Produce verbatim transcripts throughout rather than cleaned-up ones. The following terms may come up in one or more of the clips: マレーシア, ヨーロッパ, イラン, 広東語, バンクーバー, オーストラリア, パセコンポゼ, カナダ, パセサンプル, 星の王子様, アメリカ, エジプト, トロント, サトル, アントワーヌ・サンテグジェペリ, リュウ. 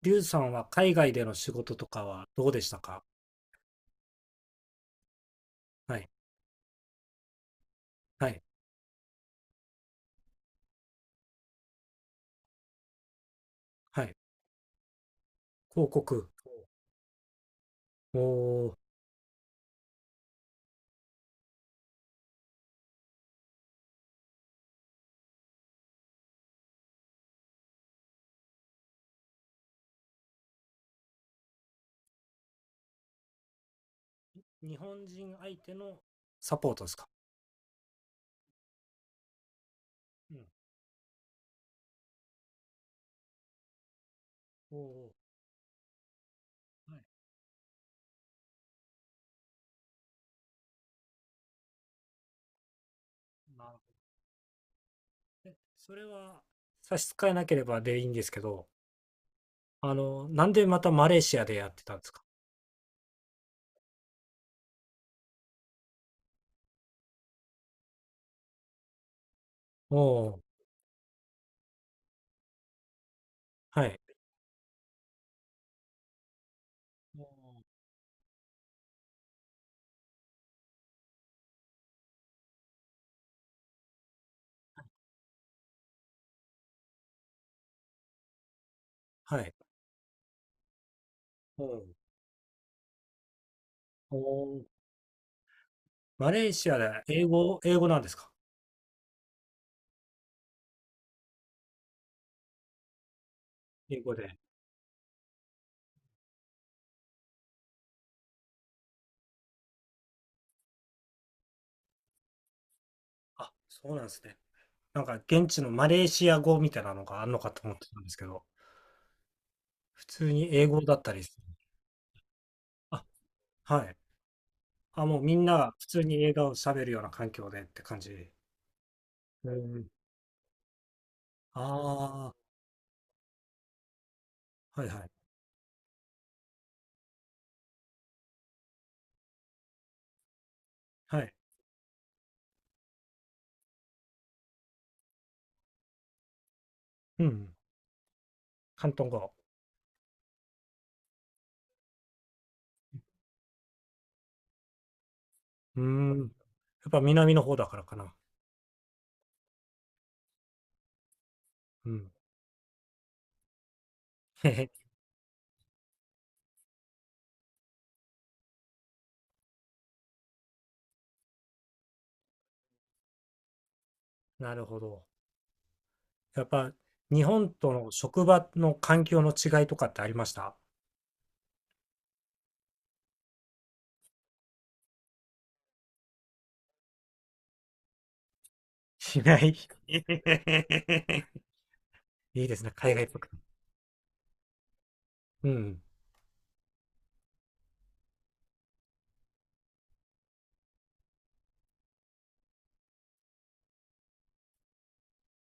リュウさんは海外での仕事とかはどうでしたか？はい、はい、はい。広告。おお。ー日本人相手のサポートですか？うん。おー、はい。なるほど。えそれは差し支えなければでいいんですけど、あの、なんでまたマレーシアでやってたんですか？お。おーはい。おー、はい。おー、おー。マレーシアで英語、英語なんですか？英語で。あ、そうなんですね。なんか現地のマレーシア語みたいなのがあるのかと思ってたんですけど、普通に英語だったりする。あ、はい。あ、もうみんなが普通に映画を喋るような環境でって感じ。うん。ああ、はいはい。はい。うん。広東語。うーん。やっぱ南の方だからかな。うん。へへ。なるほど。やっぱ日本との職場の環境の違いとかってありました？し ない。いいですね。海外っぽく。うん。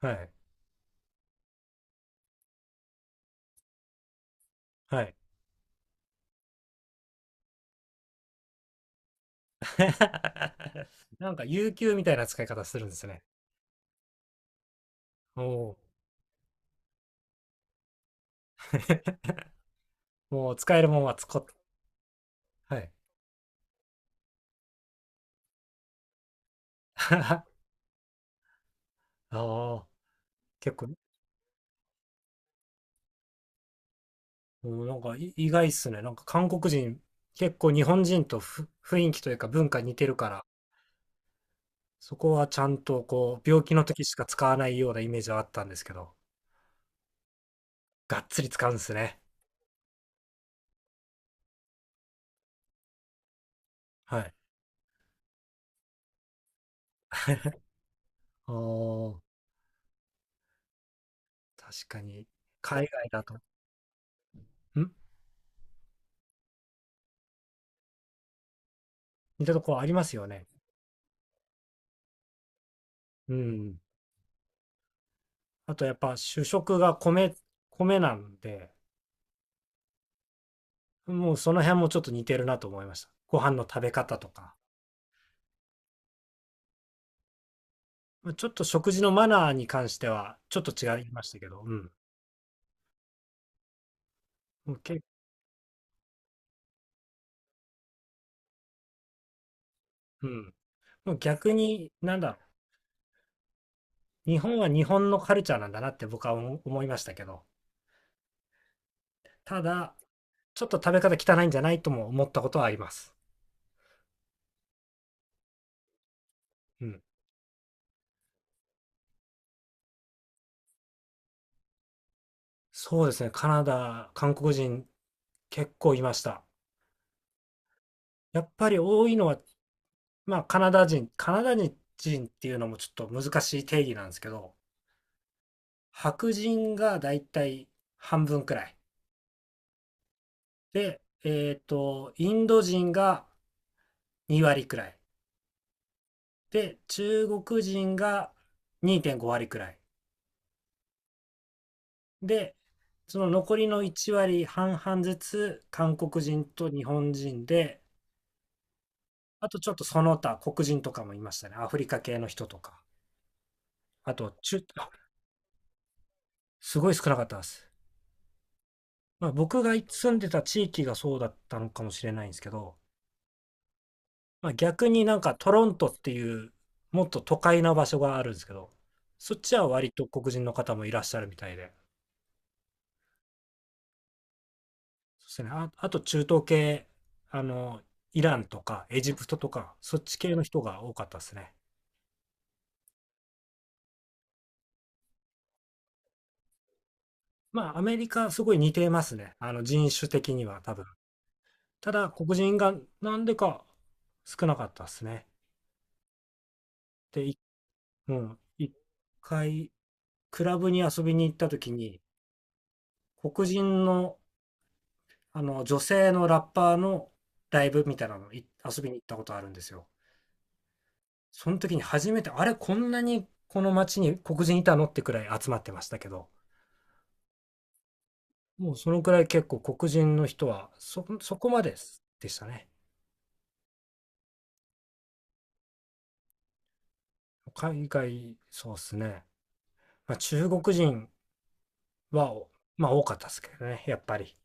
はい。はい。なんか、有給みたいな使い方するんですね。おお。もう使えるもんは使っ、はい。ああ、結構ね、うん、なんかい意外っすね。なんか韓国人、結構日本人とふ雰囲気というか文化似てるから、そこはちゃんとこう、病気の時しか使わないようなイメージはあったんですけど、がっつり使うんですね。はい。おお、確かに、海外だと、ん。似たところありますよね。うん。あとやっぱ主食が米、米なんで、もうその辺もちょっと似てるなと思いました。ご飯の食べ方とか。まあちょっと食事のマナーに関してはちょっと違いましたけど、うん。もうけ、うん。もう逆に、なんだろう。日本は日本のカルチャーなんだなって僕は思思いましたけど、ただ、ちょっと食べ方汚いんじゃないとも思ったことはあります。うん。そうですね。カナダ、韓国人結構いました。やっぱり多いのはまあ、カナダ人、カナダ人っていうのもちょっと難しい定義なんですけど、白人がだいたい半分くらい。で、えっと、インド人がに割くらい。で、中国人がにてんご割くらい。で、その残りのいち割半々ずつ、韓国人と日本人で、あとちょっとその他、黒人とかもいましたね。アフリカ系の人とか。あと、中、あ。すごい少なかったです。まあ、僕が住んでた地域がそうだったのかもしれないんですけど、まあ、逆になんかトロントっていうもっと都会な場所があるんですけど、そっちは割と黒人の方もいらっしゃるみたいで、そうですね、あ、あと中東系、あの、イランとかエジプトとか、そっち系の人が多かったですね。まあアメリカすごい似てますね。あの人種的には多分。ただ黒人がなんでか少なかったですね。で、いうん、一回クラブに遊びに行った時に、黒人の、あの女性のラッパーのライブみたいなのい遊びに行ったことあるんですよ。その時に初めて、あれ、こんなにこの街に黒人いたのってくらい集まってましたけど、もうそのくらい結構黒人の人はそ、そこまででしたね。海外、そうですね。まあ、中国人は、まあ多かったですけどね、やっぱり。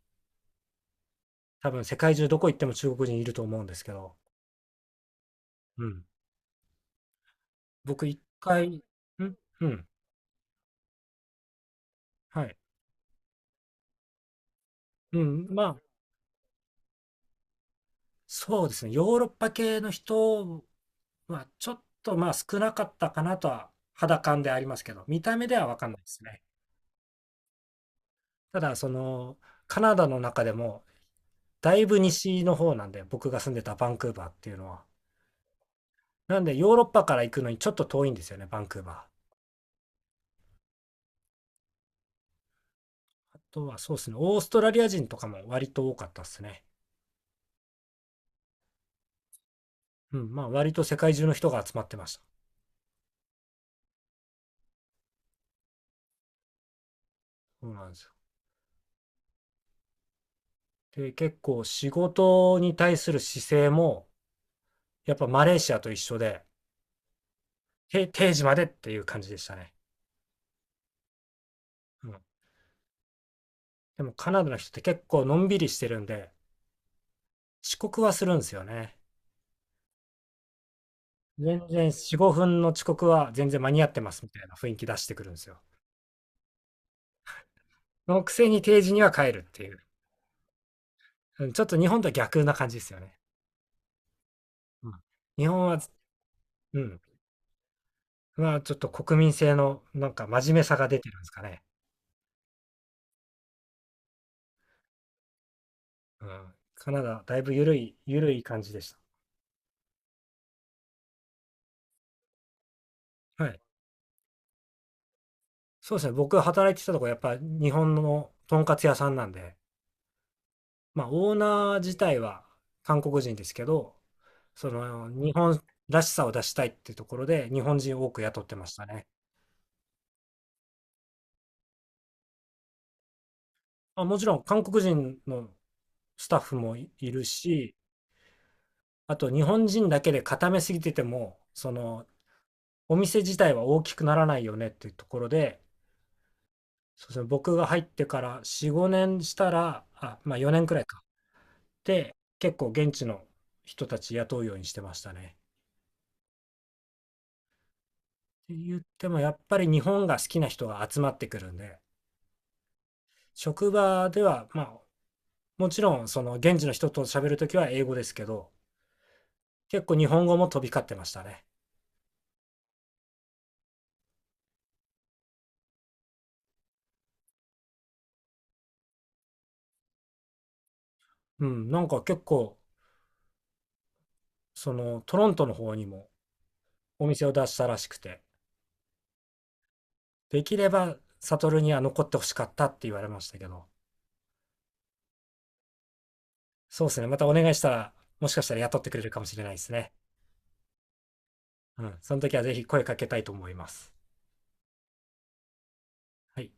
多分世界中どこ行っても中国人いると思うんですけど。うん。僕一回、ん、うん。はい。うん。まあ、そうですね。ヨーロッパ系の人は、ちょっとまあ少なかったかなとは、肌感でありますけど、見た目では分かんないですね。ただ、その、カナダの中でも、だいぶ西の方なんで、僕が住んでたバンクーバーっていうのは。なんで、ヨーロッパから行くのにちょっと遠いんですよね、バンクーバー。あとは、そうですね、オーストラリア人とかも割と多かったですね。うん、まあ、割と世界中の人が集まってました。そうなんですよ。で、結構仕事に対する姿勢も、やっぱマレーシアと一緒で、定時までっていう感じでしたね。うん。でもカナダの人って結構のんびりしてるんで、遅刻はするんですよね。全然よん、ごふんの遅刻は全然間に合ってますみたいな雰囲気出してくるんですよ。そのくせに定時には帰るっていう。うん。ちょっと日本とは逆な感じですよね。うん。日本は、うん。まあちょっと国民性のなんか真面目さが出てるんですかね。うん。カナダ、だいぶ緩い、緩い感じでした。はい。そうですね。僕が働いてたとこ、やっぱ日本のとんかつ屋さんなんで、まあ、オーナー自体は韓国人ですけど、その日本らしさを出したいっていうところで日本人を多く雇ってましたね。まあ、もちろん韓国人のスタッフもいいるし、あと日本人だけで固めすぎてても、そのお店自体は大きくならないよねっていうところで、そうですね、僕が入ってからよん、ごねんしたら、あ、まあよねんくらいか。で、結構現地の人たち雇うようにしてましたね。って言ってもやっぱり日本が好きな人が集まってくるんで、職場では、まあ、もちろん、その、現地の人と喋るときは英語ですけど、結構日本語も飛び交ってましたね。うん、なんか結構、その、トロントの方にもお店を出したらしくて、できれば、サトルには残ってほしかったって言われましたけど、そうですね、またお願いしたら、もしかしたら雇ってくれるかもしれないですね。うん、その時はぜひ声かけたいと思います。はい。